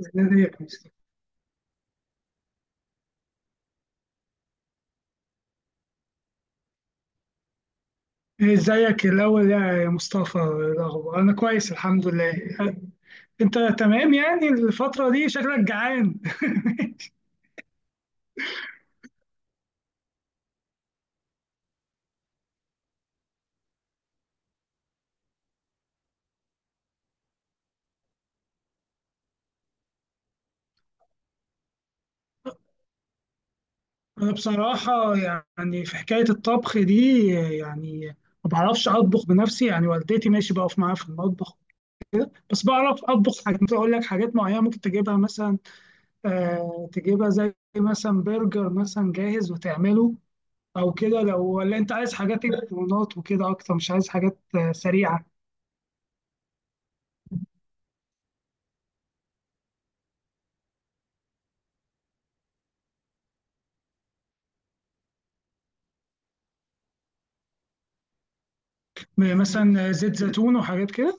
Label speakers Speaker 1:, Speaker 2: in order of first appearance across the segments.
Speaker 1: ازيك يا مصطفى ازيك الاول يا مصطفى، إيه الاخبار؟ انا كويس الحمد لله. انت تمام؟ يعني الفتره دي شكلك جعان. انا بصراحه يعني في حكايه الطبخ دي، يعني ما بعرفش اطبخ بنفسي، يعني والدتي ماشي بقف معاها في المطبخ. بس بعرف اطبخ حاجات، ممكن اقول لك حاجات معينه ممكن تجيبها مثلا. آه تجيبها زي مثلا برجر مثلا جاهز وتعمله، او كده. لو ولا انت عايز حاجات مكرونات وكده اكتر، مش عايز حاجات سريعه، مثلا زيت زيتون وحاجات كده.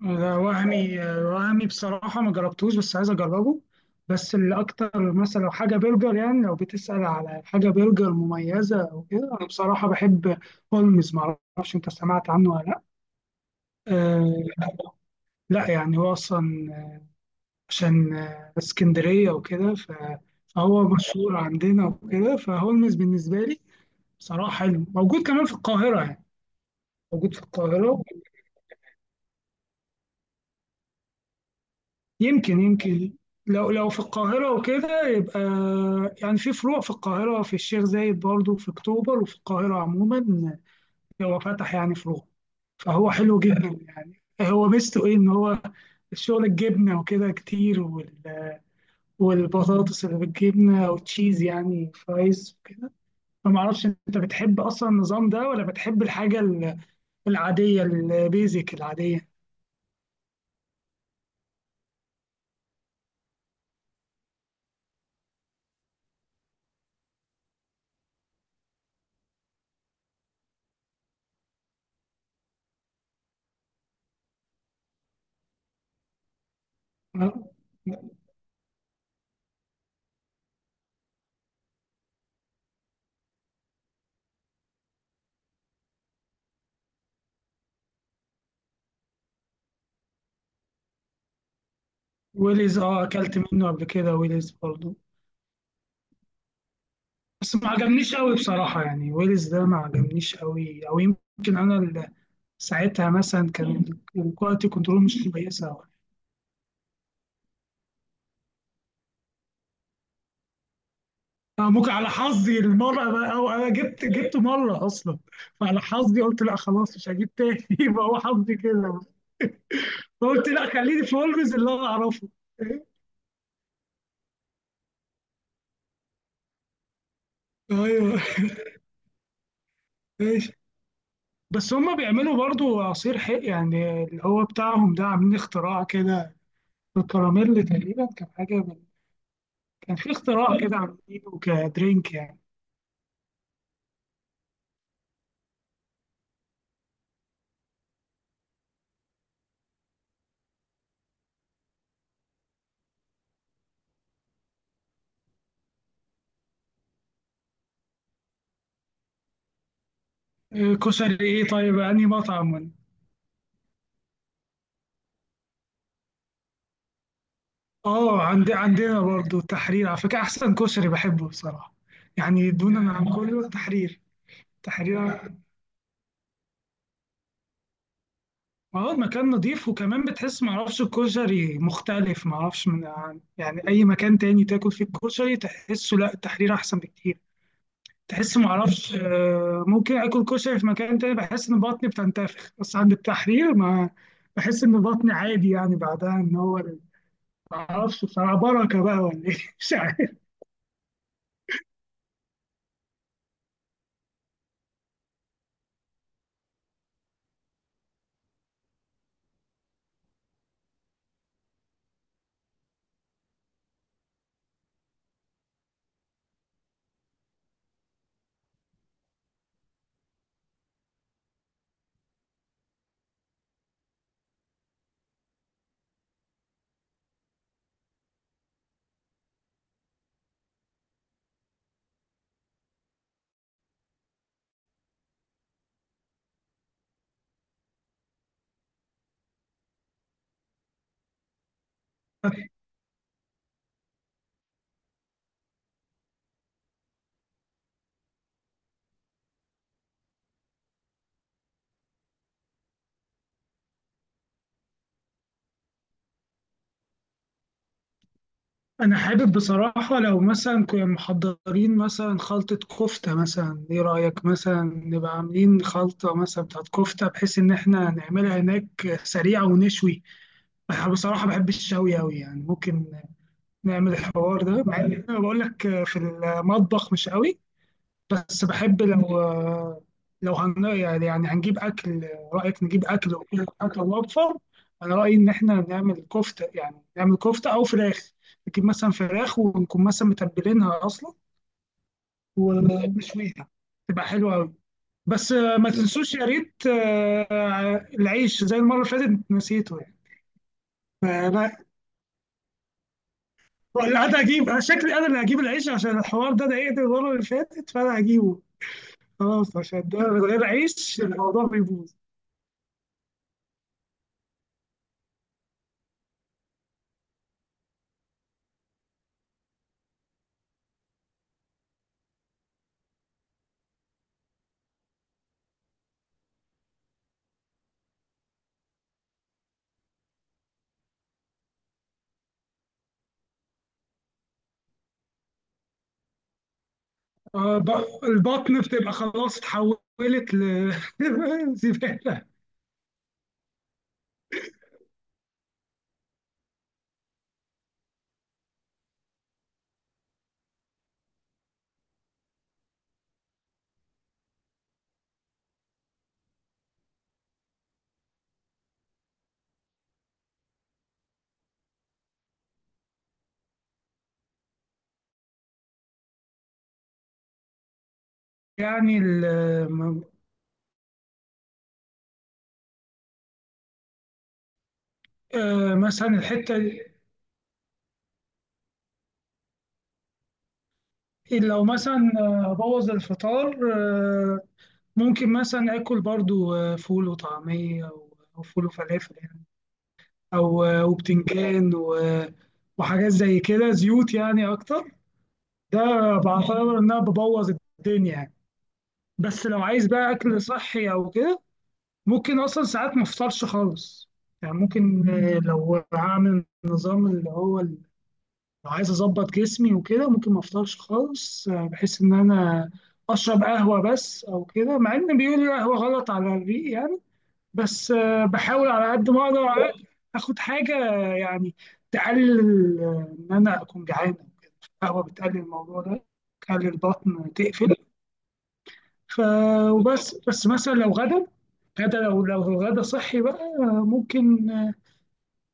Speaker 1: ده وهمي وهمي بصراحة ما جربتوش بس عايز أجربه. بس اللي أكتر مثلا لو حاجة برجر، يعني لو بتسأل على حاجة برجر مميزة أو كده، أنا بصراحة بحب هولمز. معرفش أنت سمعت عنه ولا لأ. أه، لا يعني هو أصلا عشان اسكندرية وكده، فهو مشهور عندنا وكده. فهولمز بالنسبة لي بصراحة حلو، موجود كمان في القاهرة يعني، موجود في القاهرة. يمكن يمكن، لو في القاهرة وكده يبقى، يعني في فروع في القاهرة، في الشيخ زايد برضه، في أكتوبر، وفي القاهرة عموما هو فتح يعني فروع. فهو حلو جدا يعني، هو ميزته إيه؟ إن هو الشغل الجبنة وكده كتير، والبطاطس اللي بالجبنة وتشيز يعني، فرايز وكده. فمعرفش أنت بتحب أصلا النظام ده ولا بتحب الحاجة العادية، البيزك العادية. آه. ويليز، اه أكلت منه قبل كده، ويليز برضه. بس ما عجبنيش قوي بصراحة، يعني ويلز ده ما عجبنيش قوي، أو يمكن أنا ساعتها مثلا كان الكواليتي كنترول مش كويسة أوي. أنا ممكن على حظي المرة بقى، أو أنا جبت مرة أصلا، فعلى حظي قلت لا خلاص مش هجيب تاني. يبقى هو حظي كده. فقلت لا خليني في ويلز اللي أنا أعرفه. ايوه، ماشي. بس هما بيعملوا برضو عصير حق، يعني اللي هو بتاعهم ده، عاملين اختراع كده بالكراميل تقريبا، كان حاجة من. كان في اختراع كده عاملينه كدرينك يعني. كشري ايه؟ طيب انهي مطعم؟ اه عندنا برضو التحرير على فكرة، احسن كشري بحبه بصراحة، يعني دونا عن كله التحرير، تحرير. اه المكان نظيف، وكمان بتحس معرفش الكشري مختلف، معرفش من يعني اي مكان تاني تاكل فيه الكشري تحسه، لا التحرير احسن بكتير. تحس معرفش، ممكن اكل كشري في مكان تاني بحس ان بطني بتنتفخ، بس عند التحرير ما بحس ان بطني عادي يعني بعدها. ان هو معرفش بصراحة، بركة بقى ولا ايه. مش عارف. انا حابب بصراحه لو مثلا كنا محضرين مثلا خلطه كفته مثلا، ايه رايك مثلا نبقى عاملين خلطه مثلا بتاعت كفته، بحيث ان احنا نعملها هناك سريعه ونشوي. انا بصراحه بحب الشوي قوي يعني، ممكن نعمل الحوار ده، مع ان انا بقول لك في المطبخ مش قوي. بس بحب لو يعني هنجيب أكل، رأيك نجيب أكل وكده، أكل موفر. أنا رأيي إن إحنا نعمل كفتة، يعني نعمل كفتة أو فراخ، نجيب مثلا فراخ ونكون مثلا متبلينها أصلا ونشويها، تبقى حلوة أوي. بس ما تنسوش يا ريت العيش زي المرة اللي فاتت نسيته يعني. فلا، ولا أنا أجيب، أنا شكلي أنا اللي هجيب العيش عشان الحوار ده ضايقني المرة اللي فاتت، فأنا هجيبه خلاص، عشان ده من غير عيش الموضوع بيبوظ. البطن بتبقى خلاص اتحولت لزبالة. يعني مثلا الحتة دي، لو مثلا أبوظ الفطار، ممكن مثلا آكل برضو فول وطعمية أو فول وفلافل يعني، أو وبتنجان وحاجات زي كده، زيوت يعني أكتر. ده بعتبر إن أنا ببوظ الدنيا يعني. بس لو عايز بقى أكل صحي أو كده، ممكن اصلا ساعات ما افطرش خالص يعني، ممكن لو هعمل نظام اللي هو لو عايز اظبط جسمي وكده، ممكن ما افطرش خالص، بحيث ان انا اشرب قهوه بس او كده، مع ان بيقولوا القهوه غلط على الريق يعني. بس بحاول على قد ما اقدر اخد حاجه يعني، تقلل ان انا اكون جعان. القهوه بتقلل الموضوع ده، تقلل البطن، تقفل. ف وبس، مثلا لو غدا، غدا لو الغدا صحي بقى، ممكن.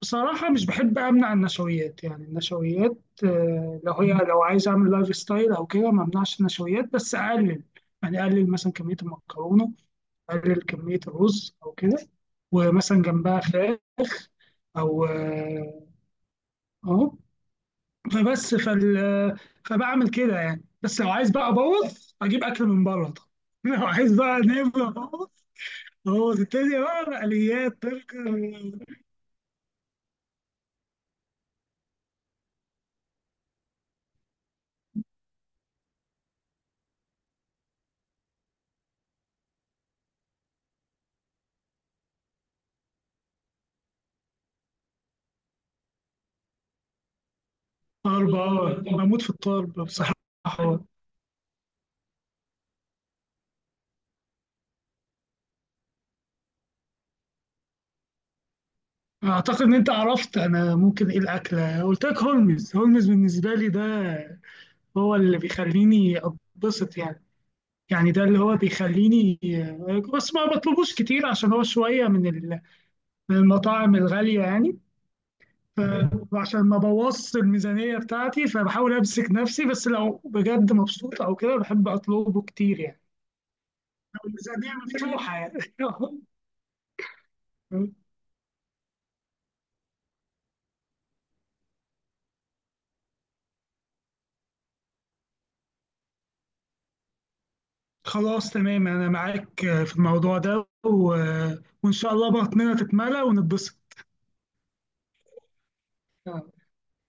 Speaker 1: بصراحة مش بحب أمنع النشويات، يعني النشويات لو هي، لو عايز أعمل لايف ستايل أو كده ما أمنعش النشويات بس أقلل، يعني أقلل مثلا كمية المكرونة، أقلل كمية الرز أو كده، ومثلا جنبها فراخ، أو أهو. فبس فبعمل كده يعني، بس لو عايز بقى أبوظ، أجيب أكل من بره طبعا. لو عايز بقى نبقى أبوظ، أبوظ الدنيا بقى، مقليات برجر. طرب، اه بموت في الطرب بصراحة. أعتقد إن أنت عرفت أنا ممكن إيه الأكلة، قلت لك هولمز. هولمز بالنسبة لي ده هو اللي بيخليني أتبسط يعني، يعني ده اللي هو بيخليني. بس ما بطلبوش كتير عشان هو شوية من من المطاعم الغالية يعني، ف- وعشان ما بوظش الميزانية بتاعتي، فبحاول أمسك نفسي، بس لو بجد مبسوط أو كده بحب أطلبه كتير يعني، لو الميزانية مفتوحة يعني. خلاص تمام انا معاك في الموضوع ده، و... وان شاء الله بطننا تتملى ونتبسط.